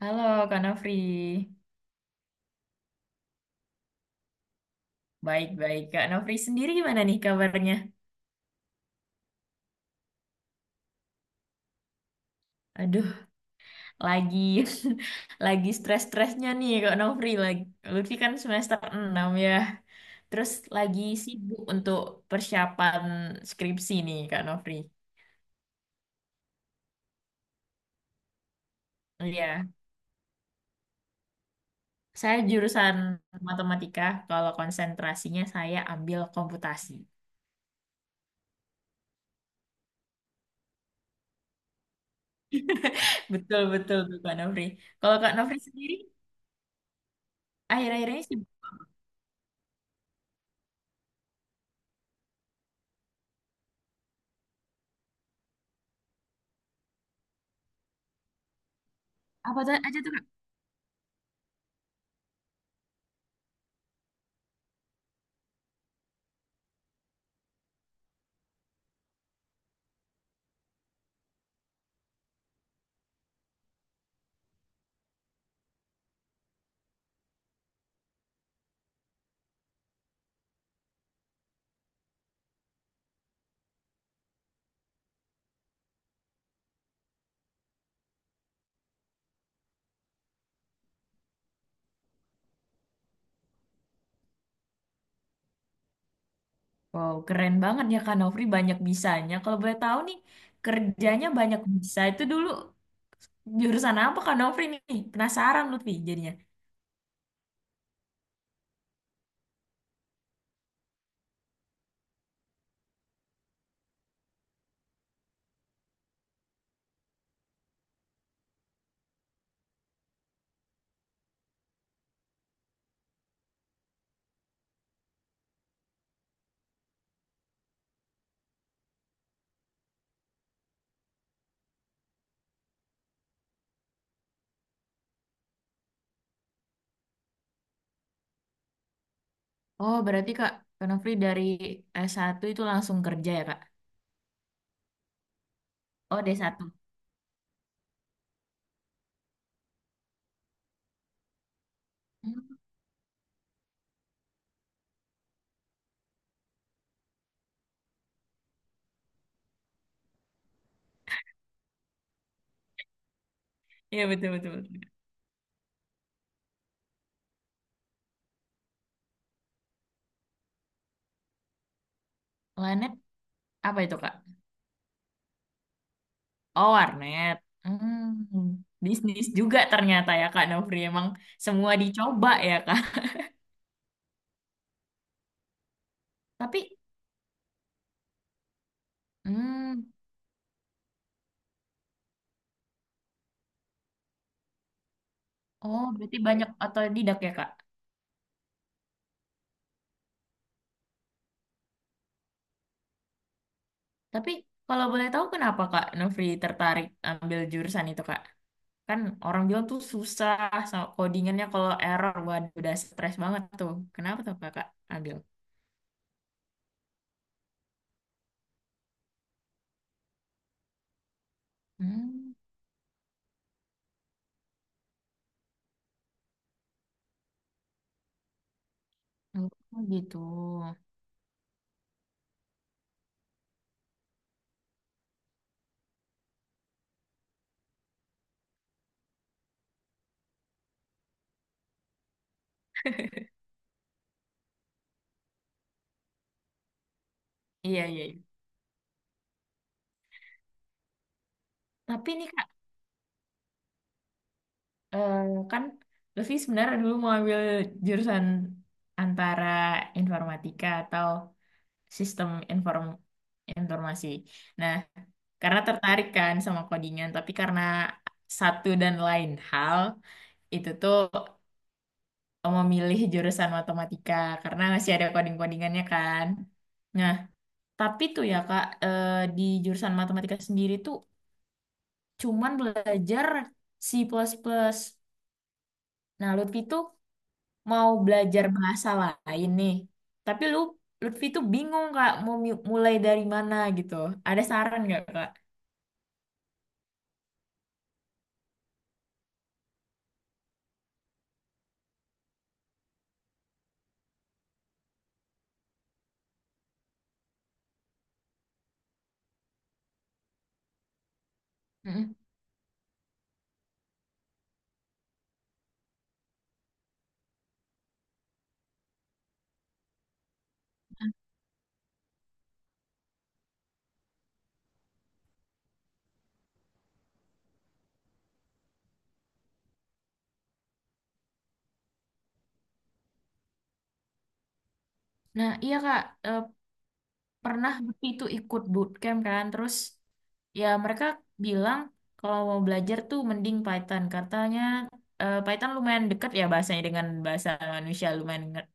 Halo Kak Nofri. Baik-baik. Kak Nofri sendiri gimana nih kabarnya? Aduh, lagi lagi stres-stresnya nih Kak Nofri. Lutfi kan semester 6 ya. Terus lagi sibuk untuk persiapan skripsi nih Kak Nofri. Oh, iya. Saya jurusan matematika. Kalau konsentrasinya saya ambil komputasi. Betul-betul tuh Kak Nofri. Kalau Kak Nofri sendiri, akhir-akhir ini sibuk apa tuh- aja tuh. Wow, keren banget ya Kak Nofri, banyak bisanya. Kalau boleh tahu nih, kerjanya banyak bisa. Itu dulu jurusan apa Kak Nofri nih? Penasaran Lutfi jadinya. Oh, berarti Kak Nofri dari S1 itu langsung kerja ya Kak? Oh, D1. Hmm. Iya, betul-betul. Planet apa itu Kak? Oh, warnet. Hmm, bisnis juga ternyata ya Kak Nofri. Emang semua dicoba ya Kak? Tapi, hmm, oh berarti banyak otodidak ya Kak? Tapi kalau boleh tahu kenapa Kak Nofri tertarik ambil jurusan itu Kak? Kan orang bilang tuh susah, sama codingannya kalau error, waduh udah stres banget tuh. Kenapa tuh Kakak ambil? Hmm, oh gitu. Iya, iya, iya. Tapi nih Kak, eh, kan Lutfi sebenarnya dulu mau ambil jurusan antara informatika atau sistem informasi. Nah, karena tertarik kan sama codingan, tapi karena satu dan lain hal, itu tuh memilih jurusan matematika karena masih ada coding-codingannya kan. Nah, tapi tuh ya Kak, di jurusan matematika sendiri tuh cuman belajar C++. Nah, Lutfi tuh mau belajar bahasa lain nih. Tapi Lutfi tuh bingung Kak mau mulai dari mana gitu. Ada saran nggak Kak? Mm. Nah, iya Kak, Eh, pernah waktu itu ikut bootcamp kan terus ya mereka bilang kalau mau belajar tuh mending Python katanya. Python lumayan deket ya bahasanya dengan bahasa manusia, lumayan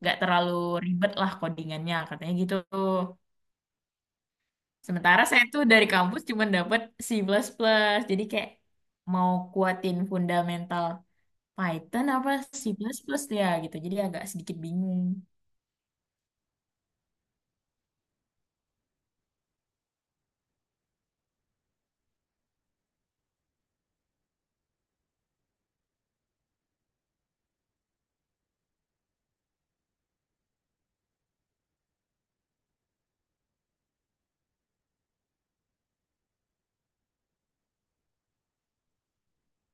nggak terlalu ribet lah codingannya katanya gitu. Sementara saya tuh dari kampus cuma dapat C++ plus plus, jadi kayak mau kuatin fundamental Python apa C++ plus plus ya gitu, jadi agak sedikit bingung.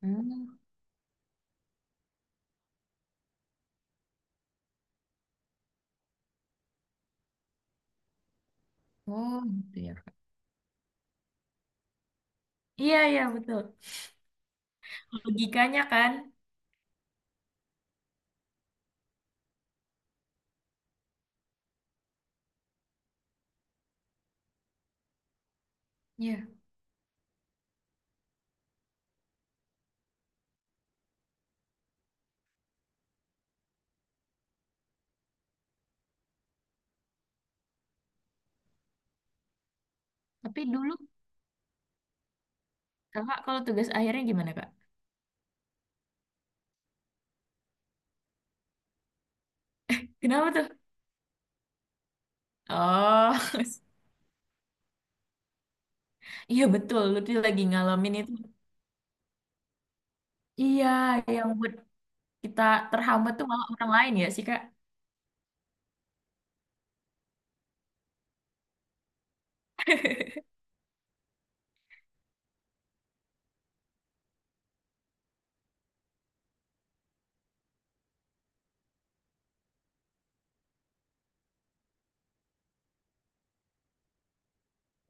Hmm. Oh gitu ya Kak. Iya, iya, betul logikanya kan. Iya. Tapi dulu Kakak kalau tugas akhirnya gimana Kak? Kenapa tuh? Oh, iya betul. Lutfi lagi ngalamin itu. Iya, yang buat kita terhambat tuh malah orang lain ya sih Kak.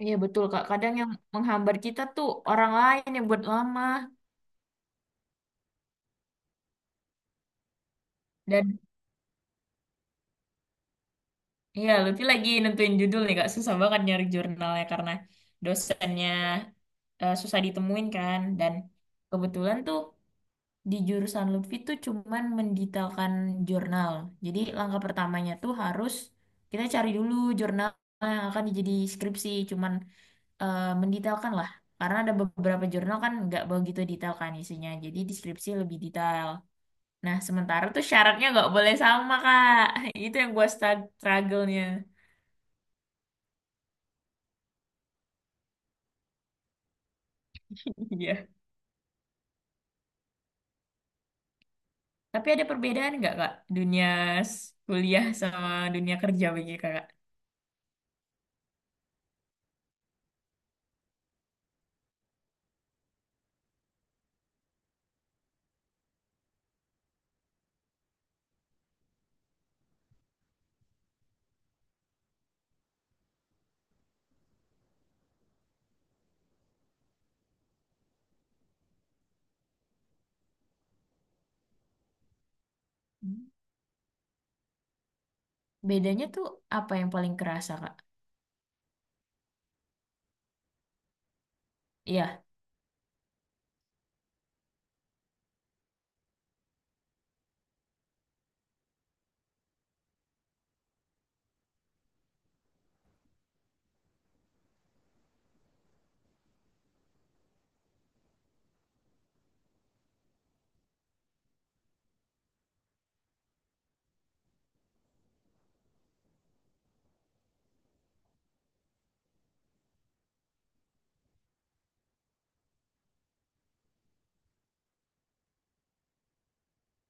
Iya betul Kak. Kadang yang menghambat kita tuh orang lain yang buat lama. Dan iya, Lutfi lagi nentuin judul nih Kak. Susah banget nyari jurnalnya karena dosennya susah ditemuin kan. Dan kebetulan tuh di jurusan Lutfi tuh cuman mendetailkan jurnal. Jadi langkah pertamanya tuh harus kita cari dulu jurnal yang akan jadi skripsi, cuman mendetailkan lah. Karena ada beberapa jurnal kan nggak begitu detail kan isinya, jadi di skripsi lebih detail. Nah, sementara tuh syaratnya nggak boleh sama, Kak. Itu yang gua struggle-nya. Iya. Tapi ada perbedaan nggak, Kak? Dunia kuliah sama dunia kerja bagi Kakak? Bedanya tuh apa yang paling kerasa, Kak? Iya.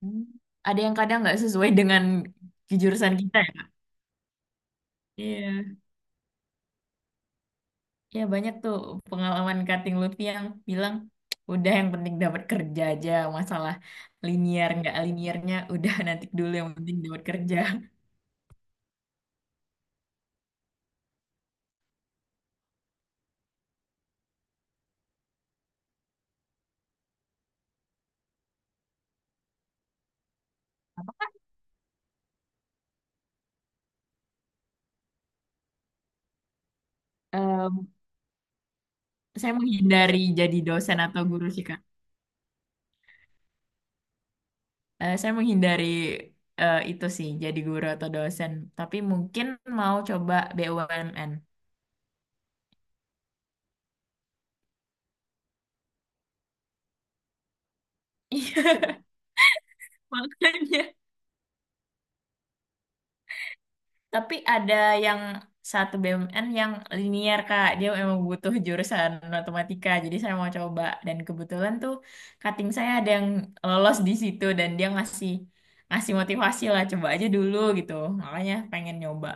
Hmm. Ada yang kadang nggak sesuai dengan jurusan kita ya. Iya. Ya banyak tuh pengalaman cutting Lutfi yang bilang, udah yang penting dapat kerja aja, masalah linear nggak linearnya, udah nanti dulu yang penting dapat kerja. Apakah em, saya menghindari jadi dosen atau guru sih Kak. Saya menghindari itu sih, jadi guru atau dosen. Tapi mungkin mau coba BUMN. Iya, makanya. Tapi ada yang satu BUMN yang linier Kak. Dia memang butuh jurusan matematika. Jadi saya mau coba. Dan kebetulan tuh cutting saya ada yang lolos di situ. Dan dia ngasih ngasih motivasi lah. Coba aja dulu gitu. Makanya pengen nyoba.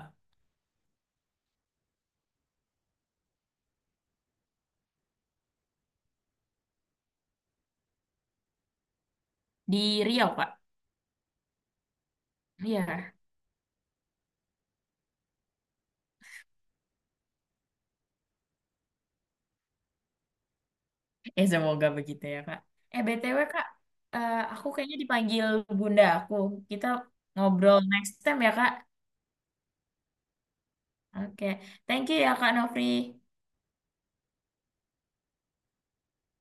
Di Riau, Kak. Iya. Eh, semoga begitu ya, Kak. Eh, BTW, Kak. Eh, aku kayaknya dipanggil bunda aku. Kita ngobrol next time ya, Kak. Oke. Thank you ya, Kak Nofri.